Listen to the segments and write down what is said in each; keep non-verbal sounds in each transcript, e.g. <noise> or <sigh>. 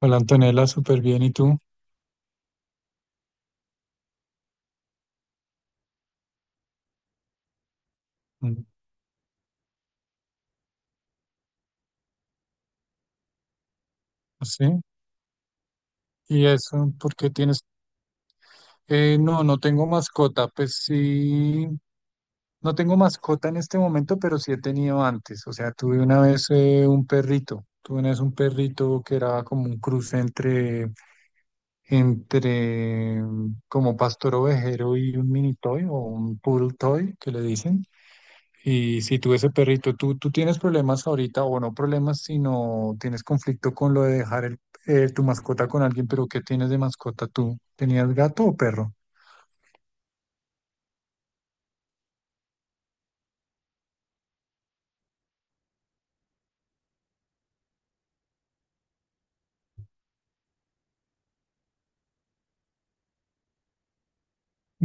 Hola Antonella, súper bien. ¿Y tú? Mm, pues sí. ¿Y eso? ¿Por qué tienes? No, no tengo mascota. Pues sí, no tengo mascota en este momento, pero sí he tenido antes. O sea, tuve una vez un perrito. Tuve una vez un perrito que era como un cruce entre como pastor ovejero y un mini toy o un poodle toy, que le dicen. Y si tú ese perrito, tú tienes problemas ahorita, o no problemas, sino tienes conflicto con lo de dejar tu mascota con alguien, pero ¿qué tienes de mascota tú? ¿Tenías gato o perro?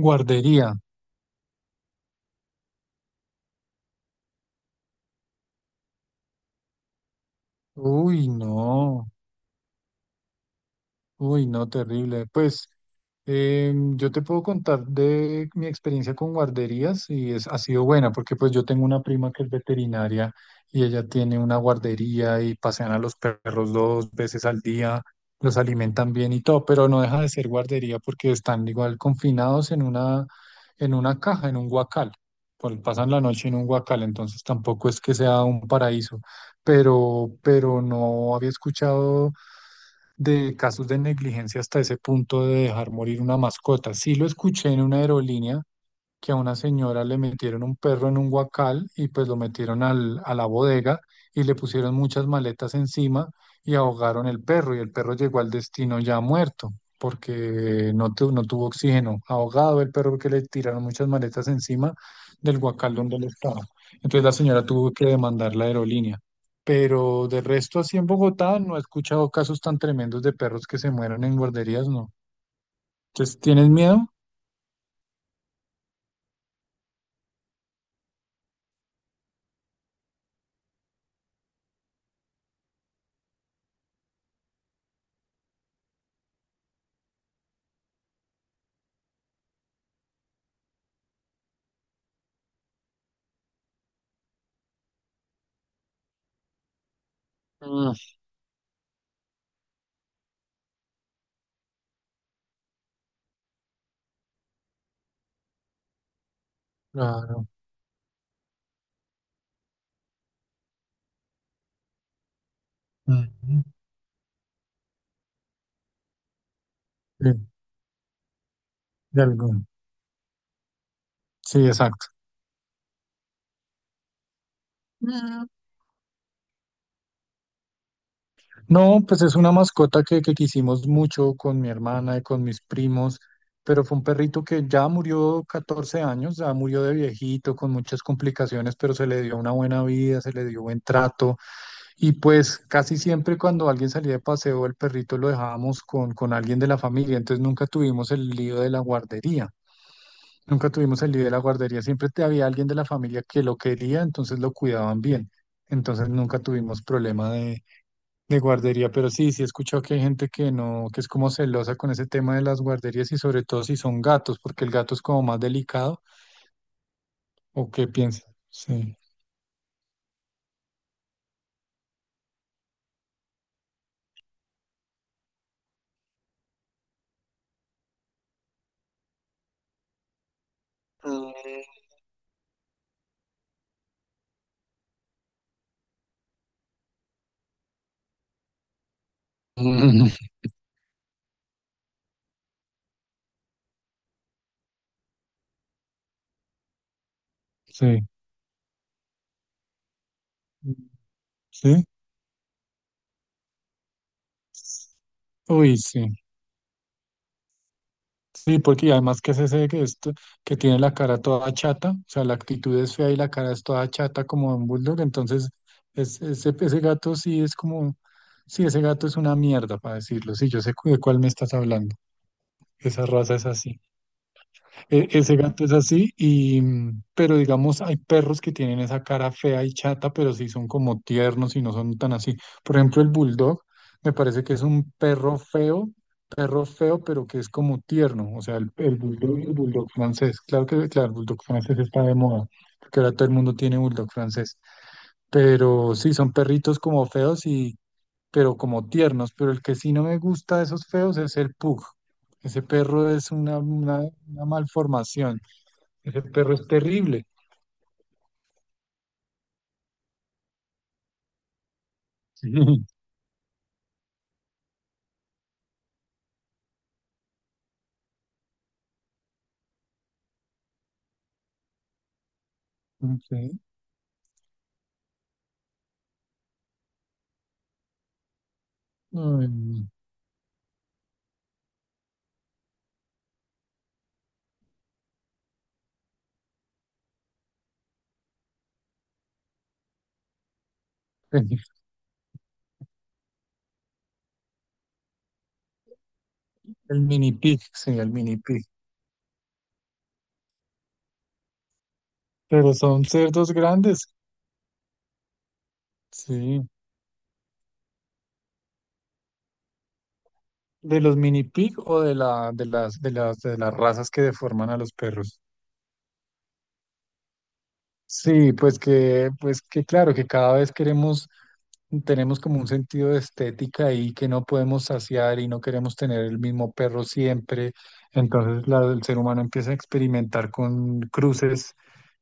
Guardería. Uy, no. Uy, no, terrible. Pues yo te puedo contar de mi experiencia con guarderías y es, ha sido buena porque pues yo tengo una prima que es veterinaria y ella tiene una guardería y pasean a los perros dos veces al día, los alimentan bien y todo, pero no deja de ser guardería porque están igual confinados en una caja, en un guacal. Pues, pasan la noche en un guacal, entonces tampoco es que sea un paraíso, pero no había escuchado de casos de negligencia hasta ese punto de dejar morir una mascota. Sí lo escuché en una aerolínea que a una señora le metieron un perro en un guacal y pues lo metieron a la bodega y le pusieron muchas maletas encima y ahogaron el perro y el perro llegó al destino ya muerto porque no, no tuvo oxígeno, ahogado el perro porque le tiraron muchas maletas encima del guacal donde él estaba. Entonces la señora tuvo que demandar la aerolínea. Pero de resto, así en Bogotá no he escuchado casos tan tremendos de perros que se mueran en guarderías, no. Entonces, ¿tienes miedo? Mm, claro. Mm, sí. De algún. Sí, exacto. Mm, no, pues es una mascota que quisimos mucho con mi hermana y con mis primos, pero fue un perrito que ya murió 14 años, ya murió de viejito, con muchas complicaciones, pero se le dio una buena vida, se le dio buen trato. Y pues casi siempre cuando alguien salía de paseo, el perrito lo dejábamos con alguien de la familia, entonces nunca tuvimos el lío de la guardería. Nunca tuvimos el líder de la guardería, siempre te había alguien de la familia que lo quería, entonces lo cuidaban bien. Entonces nunca tuvimos problema de guardería, pero sí, sí he escuchado que hay gente que no, que es como celosa con ese tema de las guarderías y sobre todo si son gatos, porque el gato es como más delicado, ¿o qué piensas? Sí. Mm. <laughs> Sí. Sí. Uy, sí. Sí, porque además que es ese que, esto, que tiene la cara toda chata, o sea, la actitud es fea y la cara es toda chata como un bulldog, entonces es, ese gato sí es como, sí, ese gato es una mierda, para decirlo, sí, yo sé de cuál me estás hablando, esa raza es así. Ese gato es así, y, pero digamos, hay perros que tienen esa cara fea y chata, pero sí son como tiernos y no son tan así. Por ejemplo, el bulldog me parece que es un perro feo, pero que es como tierno. O sea, el bulldog y el bulldog francés. Claro que, claro, el bulldog francés está de moda, porque ahora todo el mundo tiene bulldog francés. Pero sí, son perritos como feos y, pero como tiernos. Pero el que sí no me gusta de esos feos es el pug. Ese perro es una malformación. Ese perro es terrible. <laughs> Sí. Ok. Ay, no. El mini pig, sí, el mini pig. Pero son cerdos grandes, sí. ¿De los mini pig o de la, de las, de las, de las razas que deforman a los perros? Sí, pues que claro, que cada vez queremos, tenemos como un sentido de estética y que no podemos saciar y no queremos tener el mismo perro siempre. Entonces el ser humano empieza a experimentar con cruces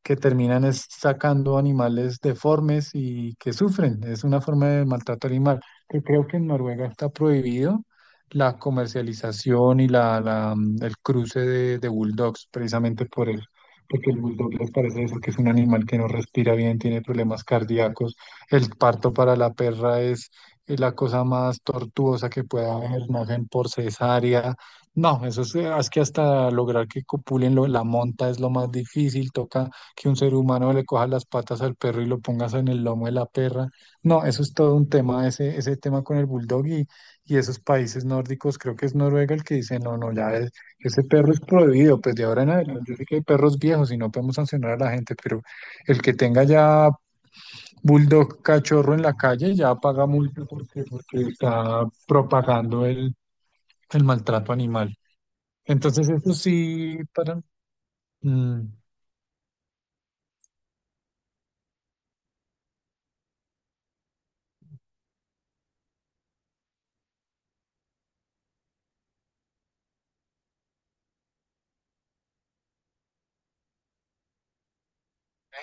que terminan es sacando animales deformes y que sufren. Es una forma de maltrato animal que creo que en Noruega está prohibido la comercialización y la, el cruce de bulldogs precisamente por el porque el bulldog les parece eso, que es un animal que no respira bien, tiene problemas cardíacos. El parto para la perra es la cosa más tortuosa que pueda haber, nacen por cesárea. No, eso es que hasta lograr que copulen la monta es lo más difícil, toca que un ser humano le coja las patas al perro y lo pongas en el lomo de la perra. No, eso es todo un tema, ese tema con el bulldog y esos países nórdicos, creo que es Noruega el que dice, no, no, ya es ese perro es prohibido, pues de ahora en adelante. Yo sé que hay perros viejos y no podemos sancionar a la gente, pero el que tenga ya bulldog cachorro en la calle ya paga multa porque, porque está propagando el maltrato animal. Entonces, eso sí, para. mm,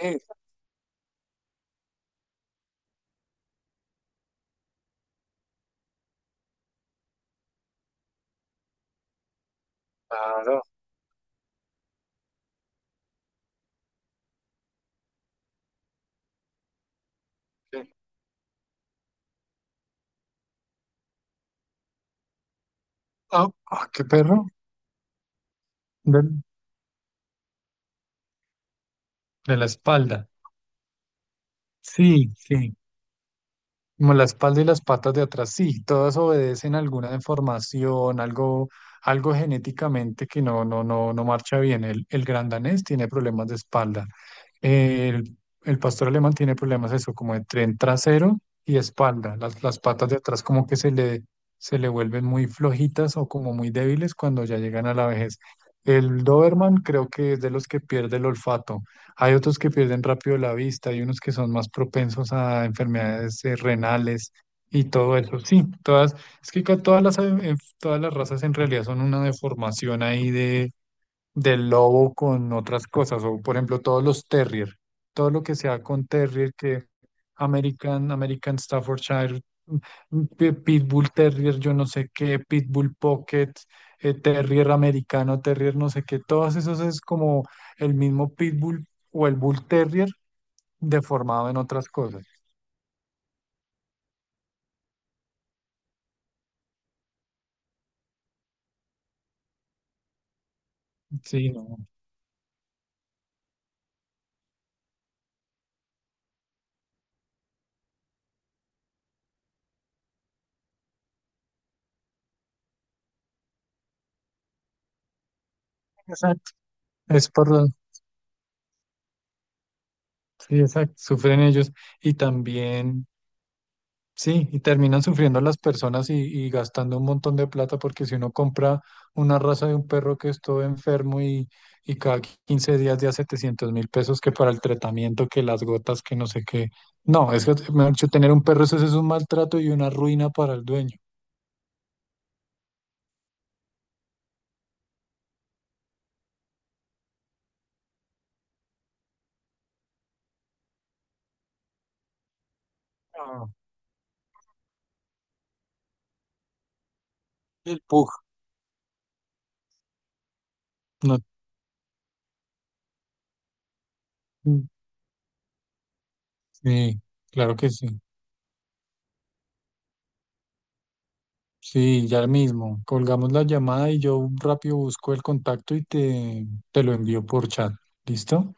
eh, claro. Sí. Ah, ah, qué perro. De, de la espalda. Sí, sí. Como la espalda y las patas de atrás, sí, todas obedecen a alguna deformación, algo, algo genéticamente que no, no, no, no marcha bien. El gran danés tiene problemas de espalda. El, el pastor alemán tiene problemas eso, como de tren trasero y espalda. Las patas de atrás como que se le vuelven muy flojitas o como muy débiles cuando ya llegan a la vejez. El Doberman creo que es de los que pierde el olfato. Hay otros que pierden rápido la vista, hay unos que son más propensos a enfermedades renales y todo eso. Sí, todas, es que todas las razas en realidad son una deformación ahí del lobo con otras cosas, o por ejemplo todos los terrier, todo lo que sea con terrier, que American, American Staffordshire, mm, Pitbull Terrier, yo no sé qué, Pitbull Pocket, Terrier americano, Terrier no sé qué, todas esas es como el mismo Pitbull o el Bull Terrier deformado en otras cosas. Sí, no. Exacto. Es por, sí, exacto, sufren ellos y también sí, y terminan sufriendo las personas y gastando un montón de plata porque si uno compra una raza de un perro que es todo enfermo y cada 15 días ya $700.000 que para el tratamiento, que las gotas, que no sé qué. No, es que, mejor dicho, tener un perro eso, sí es un maltrato y una ruina para el dueño. No. El pug. No, mm, sí, claro que sí. Sí, ya mismo. Colgamos la llamada y yo rápido busco el contacto y te lo envío por chat. ¿Listo?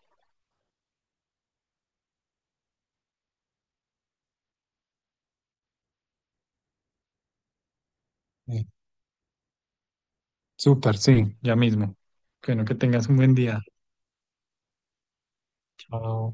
Sí. Súper, sí, ya mismo. Bueno, que tengas un buen día. Chao.